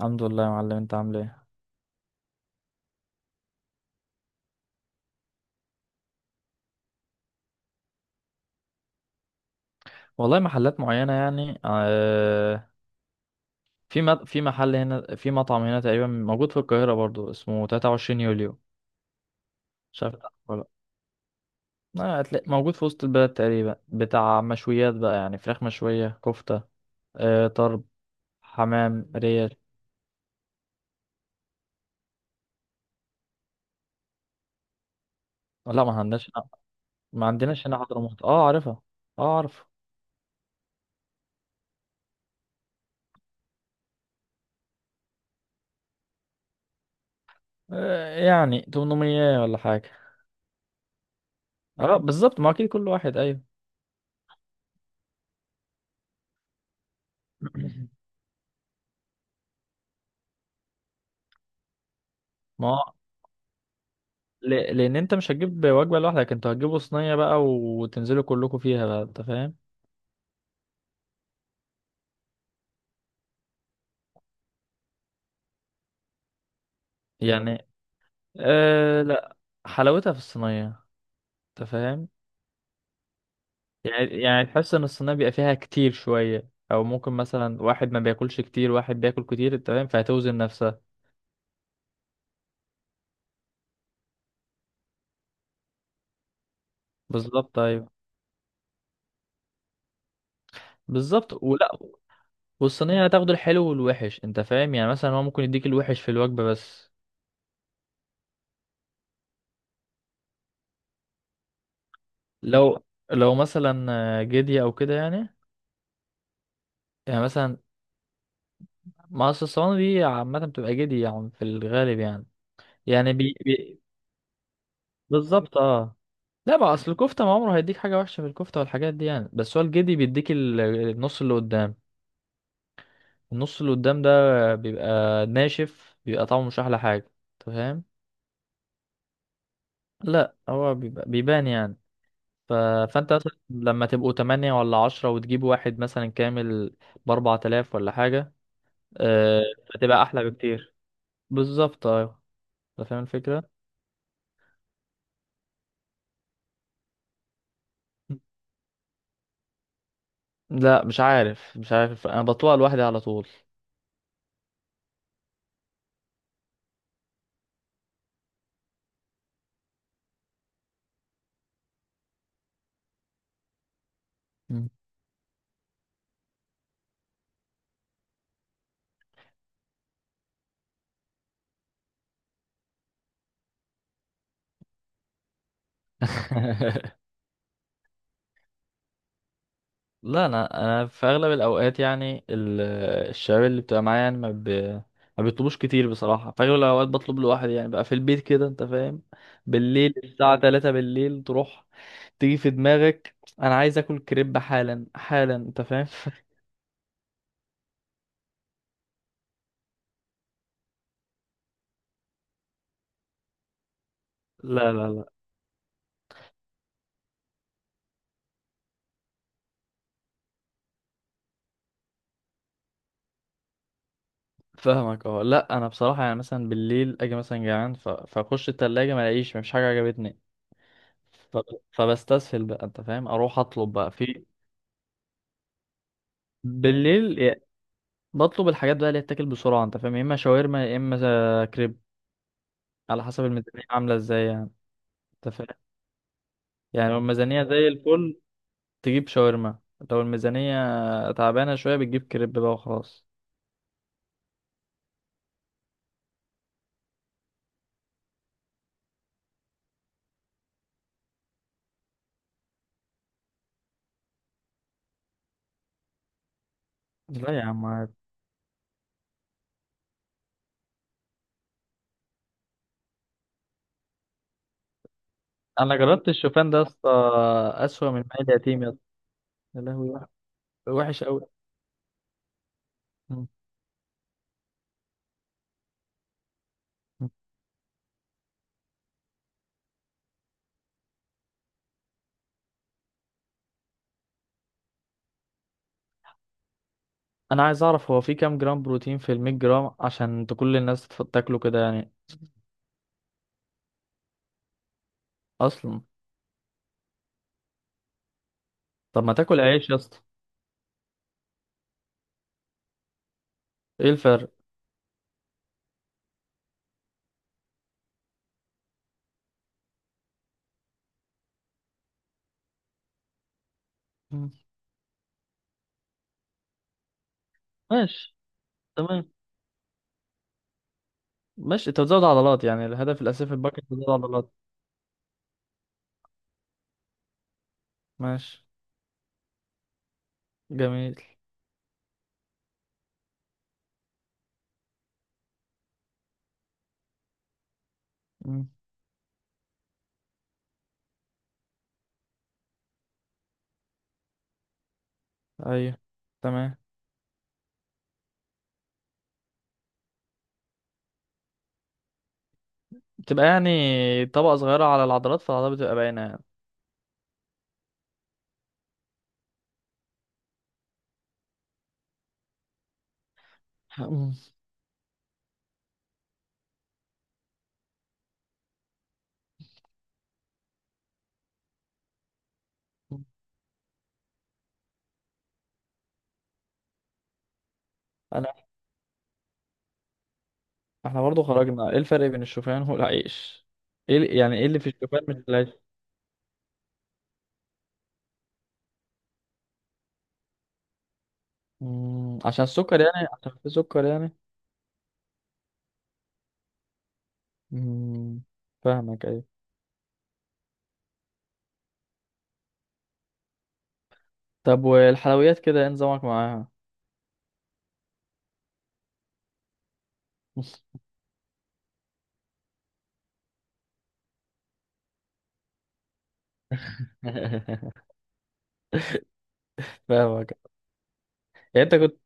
الحمد لله يا معلم، انت عامل ايه؟ والله محلات معينة يعني آه. في محل هنا، في مطعم هنا تقريبا موجود في القاهرة برضو اسمه 23 يوليو. مش عارف تعرفه ولا؟ لا هتلاقي موجود في وسط البلد تقريبا، بتاع مشويات بقى، يعني فراخ مشوية، كفتة، آه، طرب، حمام، ريش. لا ما عندناش. ما عندناش هنا حضرموت، اه عارفها. اه عارف. آه يعني 800 ولا حاجة. اه بالظبط، ما اكيد كل واحد، ايوه. ما هو، لان انت مش هتجيب وجبه لوحدك، انتوا هتجيبوا صينيه بقى وتنزلوا كلكم فيها بقى، انت فاهم. يعني آه لا، حلاوتها في الصينيه، انت فاهم. يعني تحس ان الصينيه بيبقى فيها كتير شويه، او ممكن مثلا واحد ما بياكلش كتير، واحد بياكل كتير، انت فاهم، فهتوزن نفسها. بالظبط ايوه. بالظبط ولا. والصينيه هتاخد الحلو والوحش، انت فاهم، يعني مثلا هو ممكن يديك الوحش في الوجبه بس. لو لو مثلا جدي او كده يعني. يعني مثلا ما اصل الصواني دي عامة بتبقى جدي يعني في الغالب يعني. يعني بي... بي... بالظبط اه. لا بقى اصل الكفتة ما عمره هيديك حاجة وحشة في الكفتة والحاجات دي يعني، بس هو الجدي بيديك النص اللي قدام. النص اللي قدام ده بيبقى ناشف، بيبقى طعمه مش أحلى حاجة. أنت فاهم. لا هو بيبقى بيبان يعني. ف... فانت مثلا لما تبقوا 8 ولا 10، وتجيب واحد مثلا كامل بـ4000 ولا حاجة. آه، فتبقى أحلى بكتير. بالظبط أيوة. أنت فاهم الفكرة. لا، مش عارف انا بطوع لوحدي على طول. مم. لا، انا في اغلب الاوقات يعني الشباب اللي بتبقى معايا يعني ما بيطلبوش كتير بصراحه، في اغلب الاوقات بطلب لوحدي يعني بقى في البيت كده، انت فاهم. بالليل الساعه 3 بالليل، تروح تيجي في دماغك انا عايز اكل كريب حالا حالا، انت فاهم. لا لا لا. فاهمك، اه. لا انا بصراحه يعني مثلا بالليل اجي مثلا جعان، فاخش التلاجة، ما الاقيش مفيش حاجه عجبتني. ف- فبستسهل بقى، انت فاهم، اروح اطلب بقى في بالليل يا- بطلب الحاجات بقى اللي تتاكل بسرعه، انت فاهم، يا اما شاورما، يا اما كريب. على حسب الميزانيه عامله ازاي يعني. انت فاهم. يعني لو الميزانيه زي الفل تجيب شاورما، لو الميزانيه تعبانه شويه بتجيب كريب بقى وخلاص. لا يا عم، عادي. انا جربت الشوفان ده يا اسطى. اسوأ من مال اليتيم يا اسطى. يا لهوي. وحش قوي. انا عايز اعرف هو في كام جرام بروتين في 100 جرام عشان تكل الناس تاكله كده يعني. اصلا. طب ما تاكل عيش يا اسطى. ايه الفرق؟ مم. ماشي. تمام. ماشي انت بتزود عضلات، يعني الهدف الاساسي في الباكت بتزود عضلات. ماشي. جميل. مم. ايوه. تمام. بتبقى يعني طبقة صغيرة على العضلات، فالعضلات بتبقى باينة يعني. مم. انا. احنا برضو خرجنا، ايه الفرق بين الشوفان والعيش؟ ايه يعني ايه اللي في الشوفان مش في العيش؟ مم. عشان السكر يعني، عشان في سكر يعني. مم. فاهمك ايوه. طب والحلويات كده ايه نظامك معاها؟ فاهمك. يعني انت كنت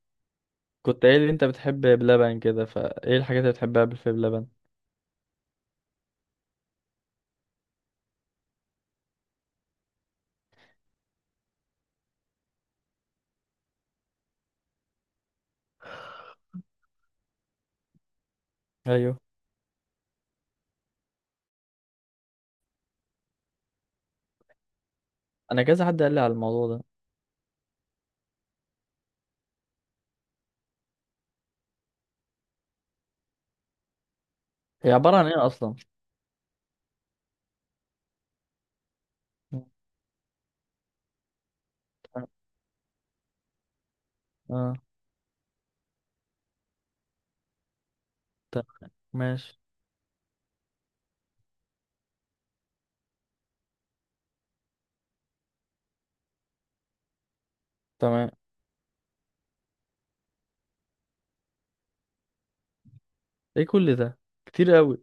كنت قايل لي انت بتحب بلبن كده، فايه الحاجات اللي بتحبها في بلبن؟ ايوه. انا كذا حد قال لي على الموضوع ده. هي عبارة عن ايه اصلا؟ اه. تمام. ماشي. تمام. ايه كل ده، كتير قوي.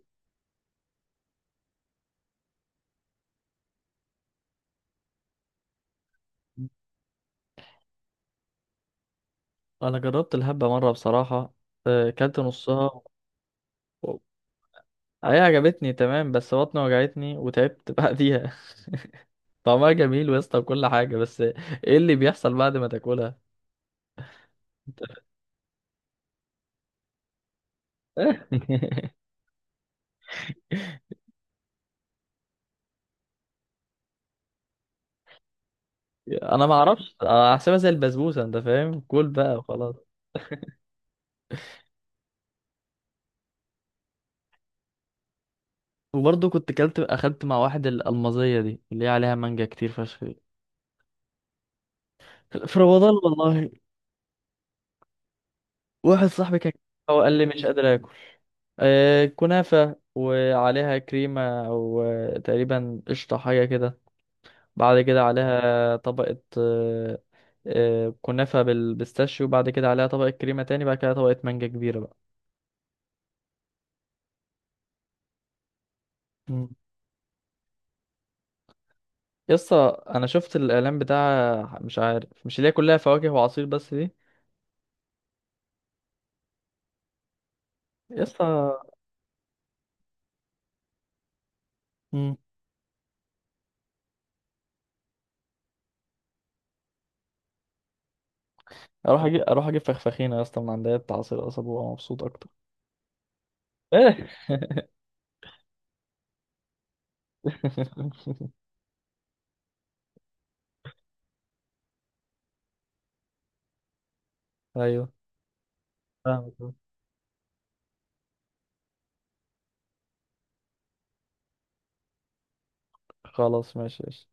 انا جربت الهبة مرة بصراحة. آه، كلت نصها. و- هي عجبتني تمام، بس بطني وجعتني وتعبت بعديها. طعمها جميل ويسطا وكل حاجة، بس ايه اللي بيحصل بعد ما تاكلها؟ انا ما اعرفش، أنا هحسبها زي البسبوسه، انت فاهم، كل بقى وخلاص. وبرضه كنت كلت اخدت مع واحد الالمازيه دي اللي هي عليها مانجا كتير فشخ دي. في رمضان والله. واحد صاحبي كان. هو قال لي مش قادر اكل. آه كنافه وعليها كريمه او آه، تقريبا قشطه حاجه كده. بعد كده عليها طبقه آه. آه كنافه بالبيستاشيو، بعد كده عليها طبقه كريمه تاني، بعد كده طبقه مانجا كبيره. بقى. يسطا انا شفت الاعلان بتاع، مش عارف مش اللي هي كلها فواكه وعصير بس دي. يسطا. مم. اروح اجيب فخفخينه يا اسطى من عند بتاع عصير قصب وابقى مبسوط اكتر. ايه. ايوه. فاهمك. خلاص ماشي.